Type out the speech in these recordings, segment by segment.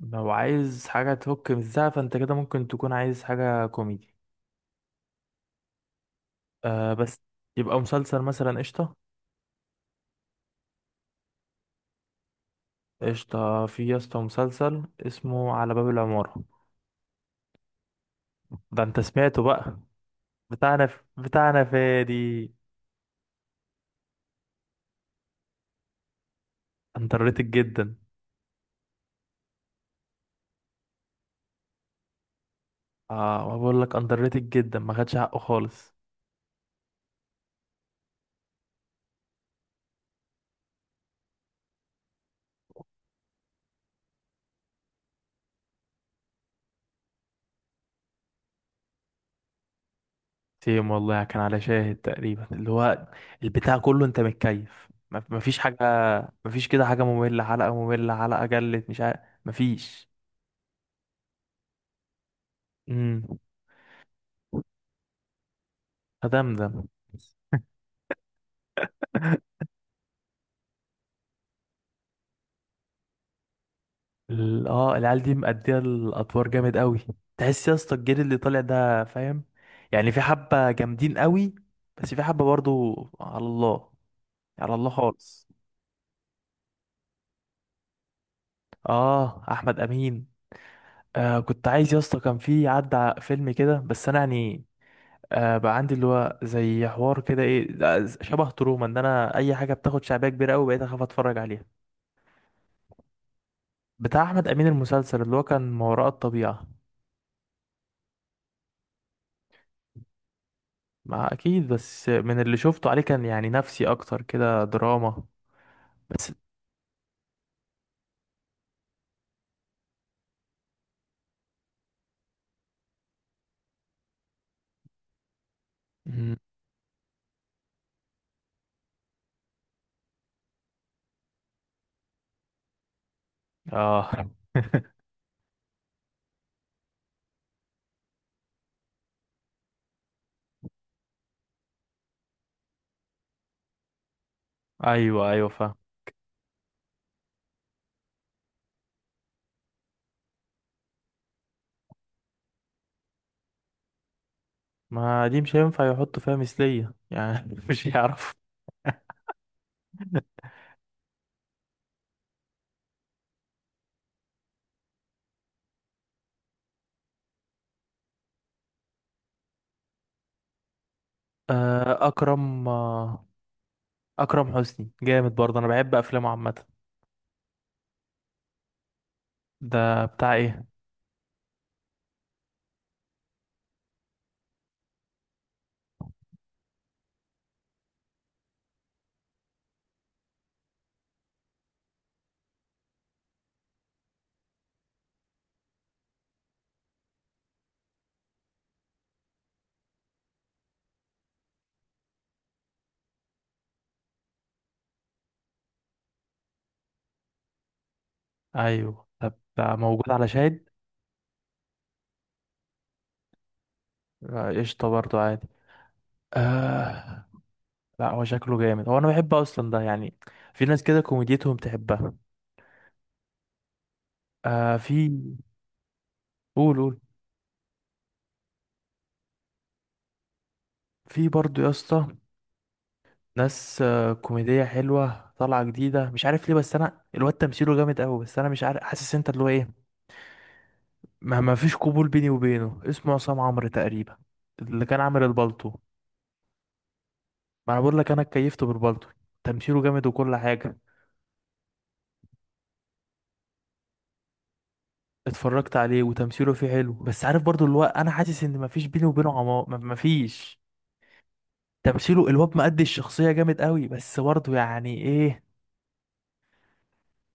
لو عايز حاجة تفك من الزعل فانت كده ممكن تكون عايز حاجة كوميدي. آه بس، يبقى مسلسل مثلا، قشطة. قشطة، في يا اسطى مسلسل اسمه على باب العمارة. ده انت سمعته بقى؟ بتاعنا فادي. اندر ريتد جدا. اه، ما بقول لك اندر ريتد جدا، ما خدش حقه خالص. سيم والله، كان على شاهد تقريبا، اللي هو البتاع كله، انت متكيف، ما فيش حاجة. ما فيش كده حاجة مملة، حلقة مملة، حلقة جلت، مش عارف. ما فيش. امم فدمدم. العيال دي مأدية الأدوار جامد قوي. تحس يا اسطى الجيل اللي طالع ده فاهم، يعني في حبة جامدين قوي، بس في حبة برضو على الله، على الله خالص. اه، أحمد أمين. آه كنت عايز يا اسطى، كان في عدى فيلم كده، بس أنا يعني آه بقى عندي اللي هو زي حوار كده ايه ده، شبه تروما، ان انا اي حاجه بتاخد شعبيه كبيره قوي بقيت اخاف اتفرج عليها. بتاع احمد امين، المسلسل اللي هو كان ما وراء الطبيعه. ما اكيد، بس من اللي شفته عليه كان يعني نفسي اكتر كده دراما بس. مم. اه. ايوه ايوه فاهم. ما دي مش هينفع يحطوا فيها مثلية يعني مش هيعرف. اكرم اكرم حسني جامد برضه، انا بحب افلامه عامة. ده بتاع ايه؟ ايوه ده بتاع، موجود على شاهد. قشطة برضه، عادي. آه. لا هو شكله جامد، هو انا بحب اصلا ده، يعني في ناس كده كوميديتهم تحبها. آه في. قول قول. في برضه يا اسطى ناس كوميدية حلوة طالعة جديدة، مش عارف ليه، بس انا الواد تمثيله جامد قوي، بس انا مش عارف، حاسس انت اللي هو ايه، ما فيش قبول بيني وبينه. اسمه عصام عمرو تقريبا، اللي كان عامل البالطو. ما انا بقول لك انا اتكيفت بالبالطو، تمثيله جامد وكل حاجة. اتفرجت عليه وتمثيله فيه حلو، بس عارف برضو اللي هو، انا حاسس ان ما فيش بيني وبينه عمار، ما فيش. تمثيله الواد مأدي الشخصية جامد قوي، بس برضو يعني ايه؟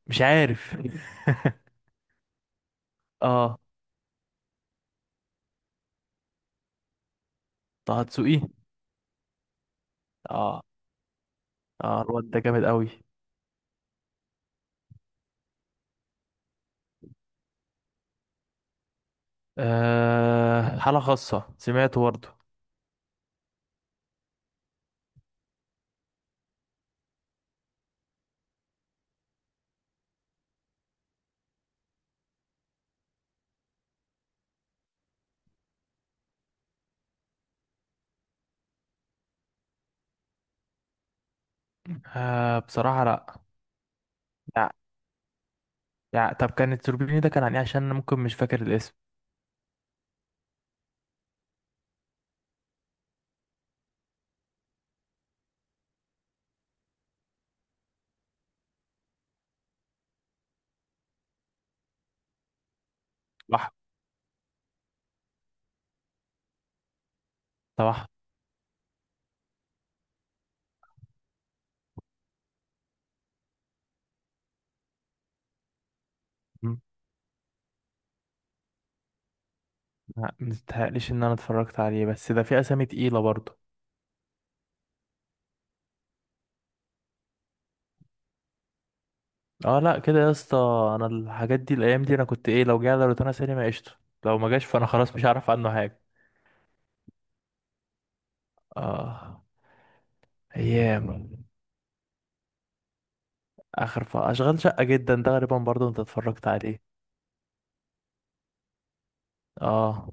مش عارف. اه. طه دسوقي. اه اه، الواد ده جامد قوي. أه، حالة خاصة، سمعته برضه. أه بصراحة لأ. لأ. يعني طب كان التوربيني ده كان عن إيه؟ عشان أنا ممكن مش فاكر الاسم. صح. صح. مم. لأ مستحقليش إن أنا اتفرجت عليه، بس ده في أسامي تقيلة برضه. اه لأ كده يا اسطى. أنا الحاجات دي الأيام دي أنا كنت إيه، لو جه على روتانا سينما قشطة، لو ما جاش فأنا خلاص مش هعرف عنه حاجة. اه. أيام. أشغال شقة جدا، ده غالبا برضه أنت اتفرجت عليه. اه.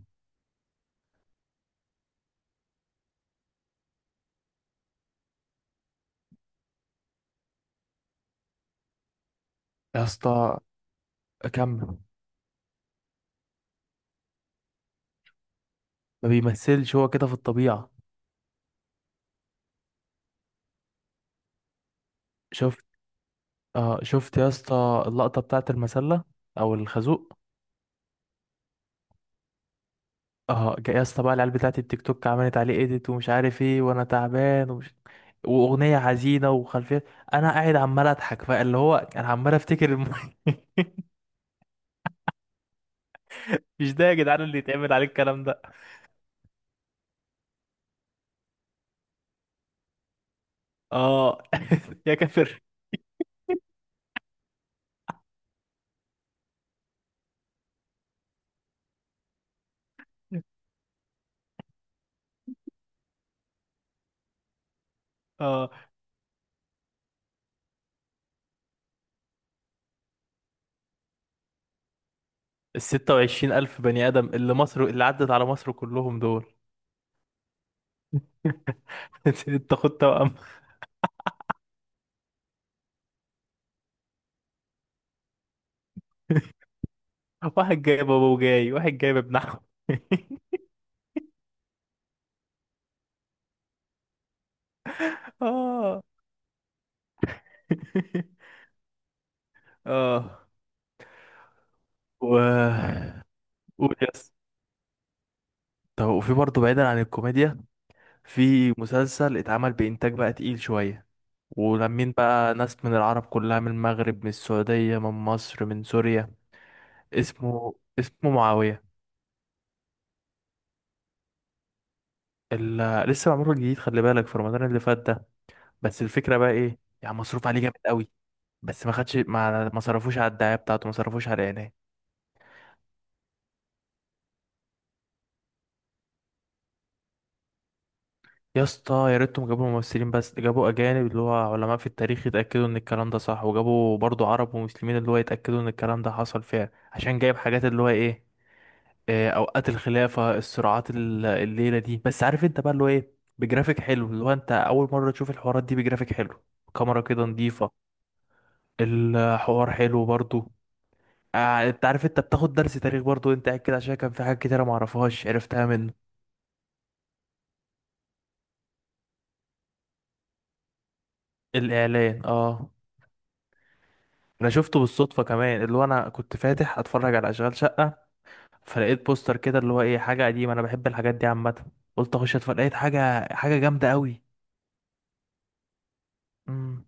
يا اسطى. كمل. ما بيمثلش هو كده في الطبيعة. شفت. اه شفت يا اسطى اللقطة بتاعت المسلة، او الخازوق. اه، يا اسطى بقى العيال بتاعت التيك توك عملت عليه ايديت ومش عارف ايه، وانا تعبان ومش، واغنية حزينة وخلفية، انا قاعد عمال اضحك، فاللي هو انا عمال افتكر مش ده يا جدعان اللي يتعمل عليه الكلام ده. اه. يا كافر. اه ال 26 ألف بني آدم اللي مصر اللي عدت على مصر كلهم دول. انت خد توأم. واحد جايب أبو، جاي واحد جايب ابن عم. اه. اه و، قول يس. طب وفي برضه بعيدا عن الكوميديا في مسلسل اتعمل بإنتاج بقى تقيل شوية، ولمين بقى ناس من العرب كلها، من المغرب، من السعودية، من مصر، من سوريا. اسمه معاوية. ال... لسه معمول جديد، خلي بالك في رمضان اللي فات ده. بس الفكرة بقى ايه، يعني مصروف عليه جامد قوي، بس ما خدش، ما صرفوش على الدعاية بتاعته، ما صرفوش على الإعلان. يا اسطى يا ريتهم جابوا ممثلين، بس جابوا اجانب اللي هو علماء في التاريخ، يتاكدوا ان الكلام ده صح، وجابوا برضو عرب ومسلمين اللي هو يتاكدوا ان الكلام ده حصل فعلا، عشان جايب حاجات اللي هو ايه، آه، اوقات الخلافه، الصراعات، الليله دي. بس عارف انت بقى اللي هو ايه، بجرافيك حلو، اللي هو انت اول مره تشوف الحوارات دي بجرافيك حلو. كاميرا كده نظيفه. الحوار حلو برضو. انت عارف انت بتاخد درس تاريخ برضو انت قاعد كده، عشان كان في حاجات كتيره معرفهاش عرفتها منه. الاعلان اه. انا شفته بالصدفه كمان، اللي هو انا كنت فاتح اتفرج على اشغال شقه، فلقيت بوستر كده اللي هو ايه، حاجه قديمه انا بحب الحاجات دي عامه، قلت اخش اتفرج، لقيت حاجه، حاجه جامده قوي. امم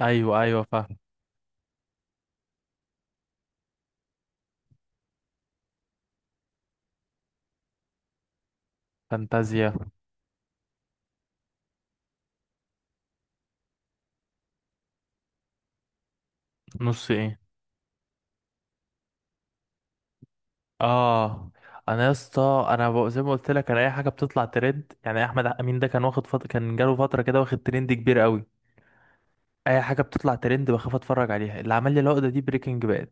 ايوه ايوه فاهم. فانتازيا. نص ايه؟ اه انا يا اسطى انا زي ما قلت لك انا اي حاجه بتطلع ترند، يعني احمد امين ده كان واخد فتره، كان جاله فتره كده واخد ترند كبير قوي. اي حاجه بتطلع ترند بخاف اتفرج عليها. اللي عمل لي العقده دي بريكنج باد.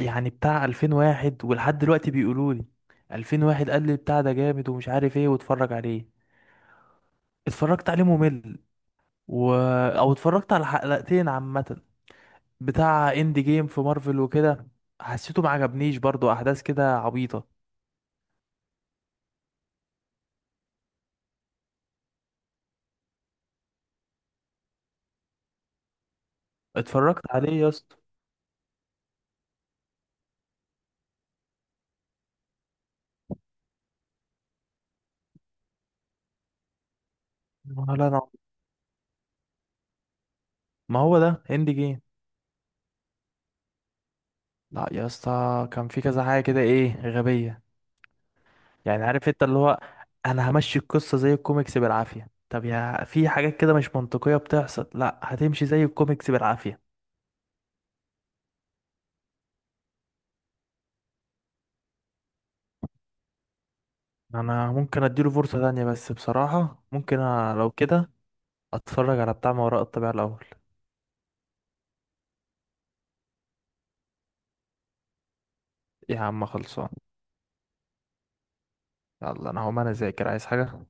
يعني بتاع 2001 ولحد دلوقتي بيقولوا لي 2001، قال لي بتاع ده جامد ومش عارف ايه، واتفرج عليه. اتفرجت عليه ممل. و... او اتفرجت على حلقتين عامة. بتاع اند جيم في مارفل وكده، حسيته ما عجبنيش برضو، احداث كده عبيطة. اتفرجت عليه يا اسطى. ولا انا. ما هو ده اند جيم. لا يا اسطى كان في كذا حاجة كده ايه، غبية. يعني عارف انت اللي هو، انا همشي القصه زي الكوميكس بالعافيه، طب يا في حاجات كده مش منطقيه بتحصل، لا هتمشي زي الكوميكس بالعافيه. انا ممكن اديله فرصه تانية، بس بصراحه ممكن لو كده اتفرج على بتاع ما وراء الطبيعه الاول. يا عم خلصان. يلا انا هقوم، انا اذاكر عايز حاجه.